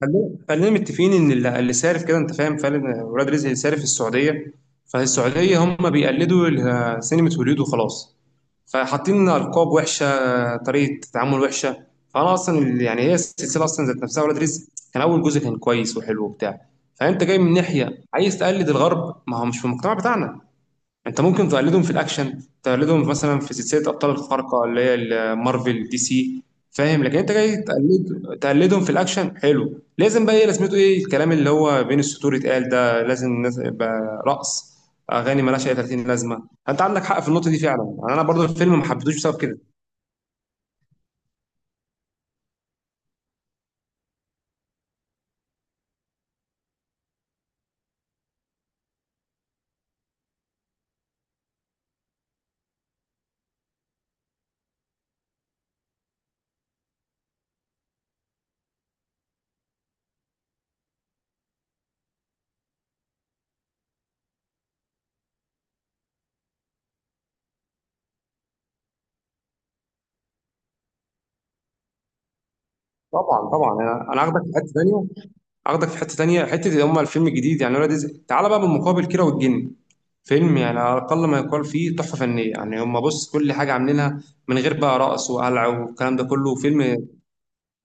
خلينا متفقين ان اللي سارف كده، انت فاهم، فعلا ولاد رزق اللي سارف في السعوديه. فالسعوديه هم بيقلدوا سينما هوليود وخلاص، فحاطين لنا القاب وحشه، طريقه تعامل وحشه. فانا اصلا يعني هي السلسله اصلا ذات نفسها، ولاد رزق كان اول جزء كان كويس وحلو وبتاع. فانت جاي من ناحيه عايز تقلد الغرب، ما هو مش في المجتمع بتاعنا. انت ممكن تقلدهم في الاكشن، تقلدهم مثلا في سلسله ابطال الخارقه اللي هي مارفل دي سي، فاهم؟ لكن انت جاي تقلدهم في الاكشن حلو، لازم بقى ايه لازمته، ايه الكلام اللي هو بين السطور اتقال ده، لازم الناس يبقى رقص، اغاني مالهاش اي 30 لازمه. انت عندك حق في النقطه دي فعلا، يعني انا برضو الفيلم ما حبيتهوش بسبب كده. طبعا طبعا، انا هاخدك في حته ثانيه، هاخدك في حته ثانيه، حته اللي هم الفيلم الجديد. يعني ولاد رزق تعالى بقى بالمقابل كيرة والجن، فيلم يعني على الأقل ما يقال فيه تحفة فنية. يعني هم بص، كل حاجة عاملينها من غير بقى رقص وقلع والكلام ده كله. فيلم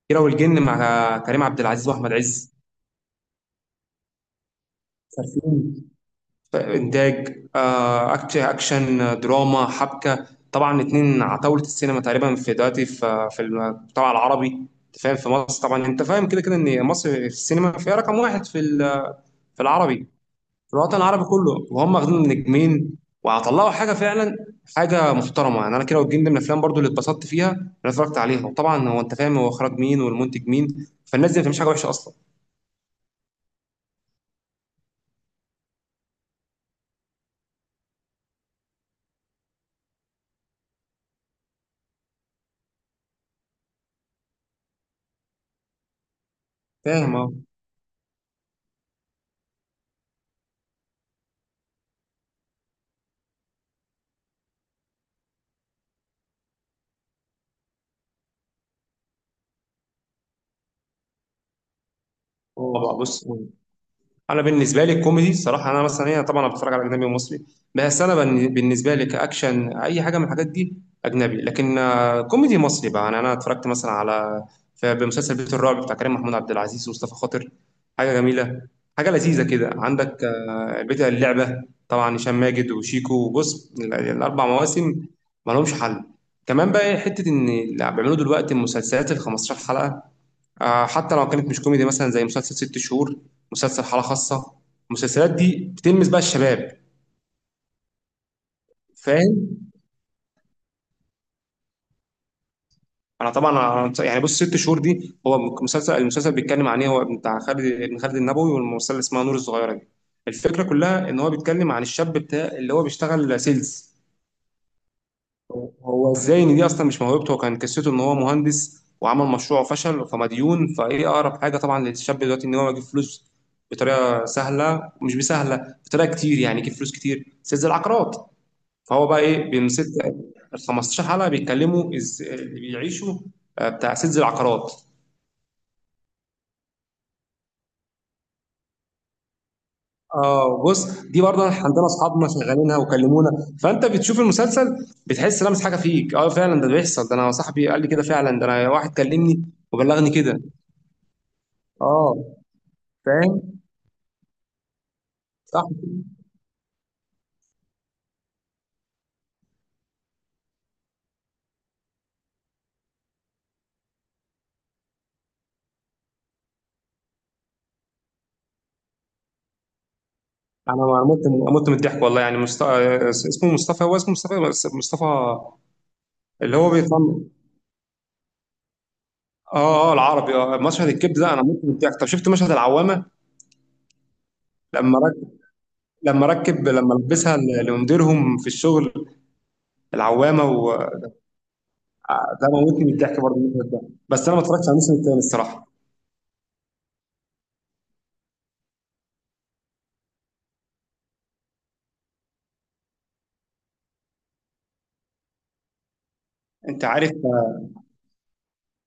كيرة والجن مع كريم عبد العزيز وأحمد عز، صارفين إنتاج، أكشن، دراما، حبكة. طبعا اتنين عتاولة السينما تقريبا في دلوقتي، في المجتمع العربي، أنت فاهم. في مصر طبعا، أنت فاهم كده كده، إن مصر في السينما فيها رقم واحد في في العربي، في الوطن العربي كله، وهم واخدين نجمين وهطلعوا حاجه فعلا، حاجه محترمه. يعني انا كده والجن دي من الافلام برضو اللي اتبسطت فيها اللي أنا اتفرجت عليها. وطبعا هو انت فاهم هو اخراج مين والمنتج مين، فالناس دي ما بتعملش حاجه وحشه اصلا، فاهم؟ اه. هو بقى بص، انا بالنسبه لي الكوميدي الصراحه، انا مثلا هي طبعا انا بتفرج على اجنبي ومصري، بس انا بالنسبه لي كاكشن اي حاجه من الحاجات دي اجنبي. لكن آه، كوميدي مصري بقى، يعني انا اتفرجت مثلا على بمسلسل بيت الرعب بتاع كريم محمود عبد العزيز ومصطفى خاطر، حاجه جميله، حاجه لذيذه كده. عندك آه، بيت اللعبه، طبعا هشام ماجد وشيكو. وبص الاربع مواسم ما لهمش حل. كمان بقى حته ان اللي بيعملوا دلوقتي المسلسلات ال 15 حلقه، آه، حتى لو كانت مش كوميدي مثلا، زي مسلسل ست شهور، مسلسل حالة خاصة، المسلسلات دي بتلمس بقى الشباب، فاهم؟ انا طبعا، أنا يعني بص ست شهور دي، هو مسلسل، المسلسل بيتكلم عن ايه، هو بتاع خالد ابن خالد النبوي والممثله اللي اسمها نور الصغيره دي. الفكره كلها ان هو بيتكلم عن الشاب بتاع اللي هو بيشتغل سيلز. هو ازاي ان دي اصلا مش موهبته، هو كان قصته ان هو مهندس وعمل مشروع وفشل فمديون، فايه اقرب حاجه طبعا للشاب دلوقتي ان هو يجيب فلوس بطريقه سهله، مش بسهله بطريقه كتير يعني، يجيب فلوس كتير، سيلز العقارات. فهو بقى ايه بيمسك. ال 15 حلقه بيتكلموا اللي بيعيشوا آه، بتاع سيلز العقارات. اه بص، دي برضه عندنا اصحابنا شغالينها وكلمونا. فانت بتشوف المسلسل بتحس لمس حاجه فيك، اه فعلا ده بيحصل، ده انا صاحبي قال لي كده، فعلا ده انا واحد كلمني وبلغني كده، اه، فاهم؟ صح. انا ما مت من الضحك والله. يعني اسمه مصطفى، هو اسمه مصطفى بس مصطفى اللي هو بيطلع. اه اه، العربي، اه، مشهد الكبد ده انا مت من الضحك. طب شفت مشهد العوامه؟ لما رك... لما ركب، لما لبسها لمديرهم في الشغل، العوامه آه، ده موتني من الضحك برضه المشهد ده. بس انا ما اتفرجتش على الموسم الثاني الصراحه. انت عارف؟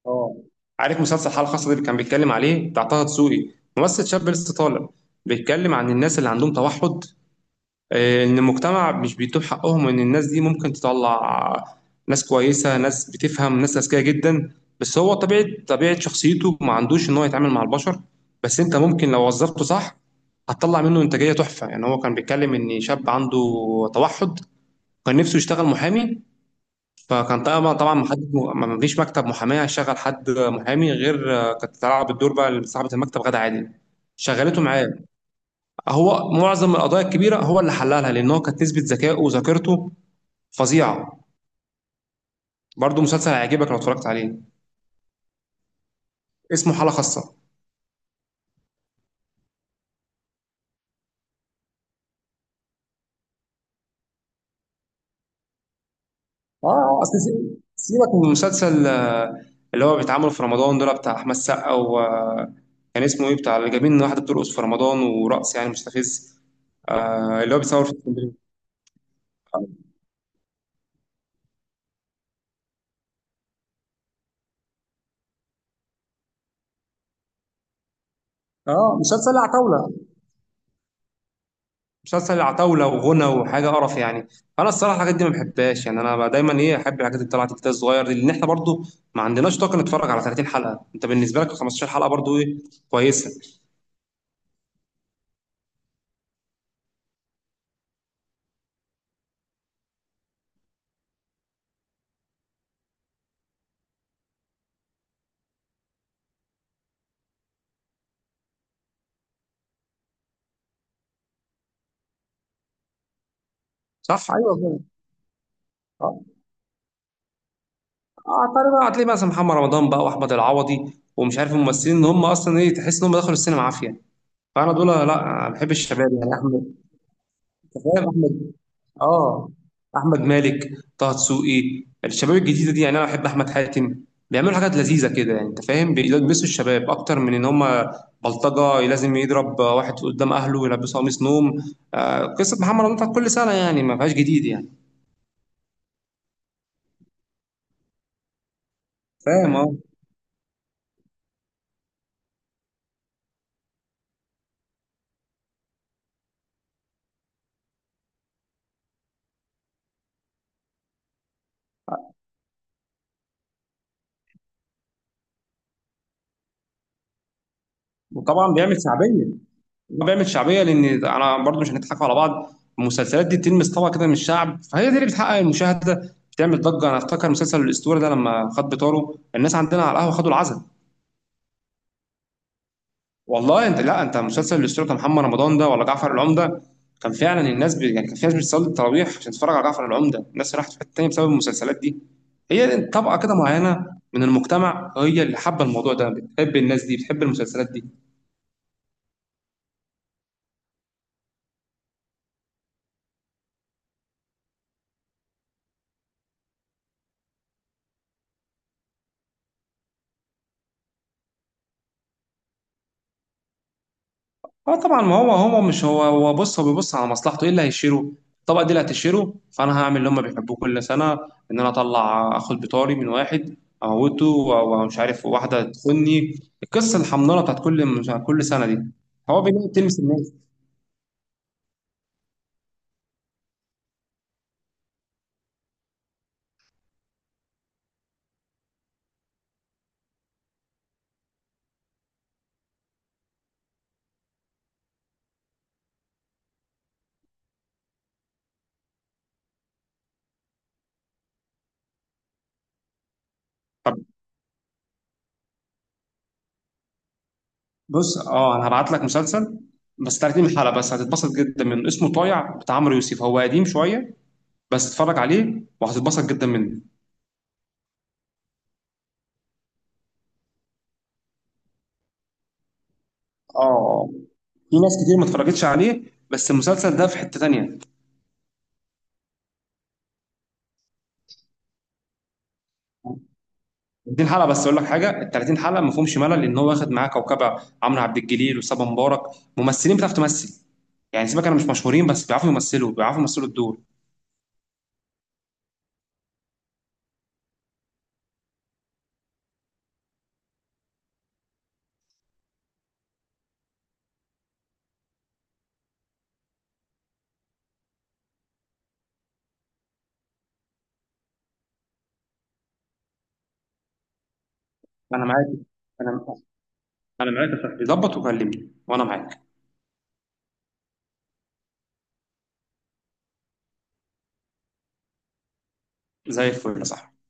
اه، عارف مسلسل الحاله الخاصه ده اللي كان بيتكلم عليه، بتاع طه دسوقي، ممثل شاب لسه طالع، بيتكلم عن الناس اللي عندهم توحد، آه، ان المجتمع مش بيتوب حقهم، ان الناس دي ممكن تطلع ناس كويسه، ناس بتفهم، ناس اذكياء جدا، بس هو طبيعه شخصيته ما عندوش ان هو يتعامل مع البشر. بس انت ممكن لو وظفته صح، هتطلع منه انتاجيه تحفه. يعني هو كان بيتكلم ان شاب عنده توحد، كان نفسه يشتغل محامي، فكان طبعا طبعا محدد ما فيش مكتب محاماه هيشغل حد محامي، غير آه، كانت تلعب الدور بقى صاحبه المكتب غدا عادل، شغلته معاه. هو معظم القضايا الكبيره هو اللي حللها، لان هو كانت نسبه ذكائه وذاكرته فظيعه. برضه مسلسل هيعجبك لو اتفرجت عليه، اسمه حاله خاصه. اه آه، اصل سيبك من المسلسل آه، اللي هو بيتعمل في رمضان دول، بتاع احمد السقا و آه، كان اسمه ايه، بتاع اللي جايبين واحده بترقص في رمضان، ورقص يعني مستفز، آه، اللي هو بيصور في اسكندريه. اه، مسلسل العتاوله. مسلسل عتاولة وغنى وحاجة قرف يعني. أنا الصراحة الحاجات دي ما بحبهاش يعني. أنا بقى دايما إيه، أحب الحاجات اللي طلعت كده الصغير دي، لأن إحنا برضو ما عندناش طاقة نتفرج على 30 حلقة. أنت بالنسبة لك 15 حلقة برضو إيه، كويسة. صح، أيوه فعلا. أه، أعتقد بقى هتلاقي مثلا محمد رمضان بقى وأحمد العوضي، ومش عارف الممثلين إن هم أصلا إيه، تحس إن هم دخلوا السينما عافية. فأنا دول لا ما بحبش الشباب. يعني أحمد، أنت فاهم؟ أحمد، اه، احمد مالك، طه دسوقي، الشباب الجديده دي، يعني انا بحب احمد حاتم، بيعملوا حاجات لذيذه كده. يعني انت فاهم بيلبسوا الشباب اكتر من ان هم بلطجه لازم يضرب واحد قدام اهله ويلبسه قميص نوم، آه قصه محمد رمضان بتاعت كل سنه، يعني ما فيهاش جديد يعني، فاهم؟ اه. وطبعا بيعمل شعبيه، هو بيعمل شعبيه، لان انا برضو مش هنضحك على بعض، المسلسلات دي بتلمس طبقه كده من الشعب، فهي دي اللي بتحقق المشاهده، بتعمل ضجه. انا افتكر مسلسل الاسطوره ده لما خد بطاره، الناس عندنا على القهوه خدوا العزل والله. انت لا انت مسلسل الاسطوره محمد رمضان ده، ولا جعفر العمده، كان فعلا الناس يعني كان في ناس بتصلي التراويح عشان تتفرج على جعفر العمده. الناس راحت في حته تانيه بسبب المسلسلات دي، هي طبقه كده معينه من المجتمع هي اللي حابه الموضوع ده، بتحب الناس دي بتحب المسلسلات دي. اه طبعا، ما هو هو مش هو بص، هو بيبص على مصلحته، ايه اللي هيشيله الطبقه دي اللي هتشيله، فانا هعمل اللي هم بيحبوه كل سنه، ان انا اطلع اخد بطاري من واحد اموته، ومش عارف واحده تخني، القصه الحمضانه بتاعت كل كل سنه دي. هو بينام تلمس الناس. بص اه، انا هبعت لك مسلسل، بس 30 حلقه بس هتتبسط جدا منه، اسمه طايع بتاع عمرو يوسف، هو قديم شويه بس اتفرج عليه وهتتبسط جدا منه. اه في ناس كتير ما اتفرجتش عليه، بس المسلسل ده في حته تانيه. 30 حلقه بس اقول لك حاجه، ال 30 حلقه ما فيهمش ملل، لان هو واخد معاه كوكبه، عمرو عبد الجليل وصبا مبارك، ممثلين بتعرف تمثل، يعني سيبك انا مش مشهورين بس بيعرفوا يمثلوا، بيعرفوا يمثلوا الدور. انا معاك، انا انا معاك يا صاحبي، ظبط وكلمني وانا معاك. زي الفل يا صاحبي.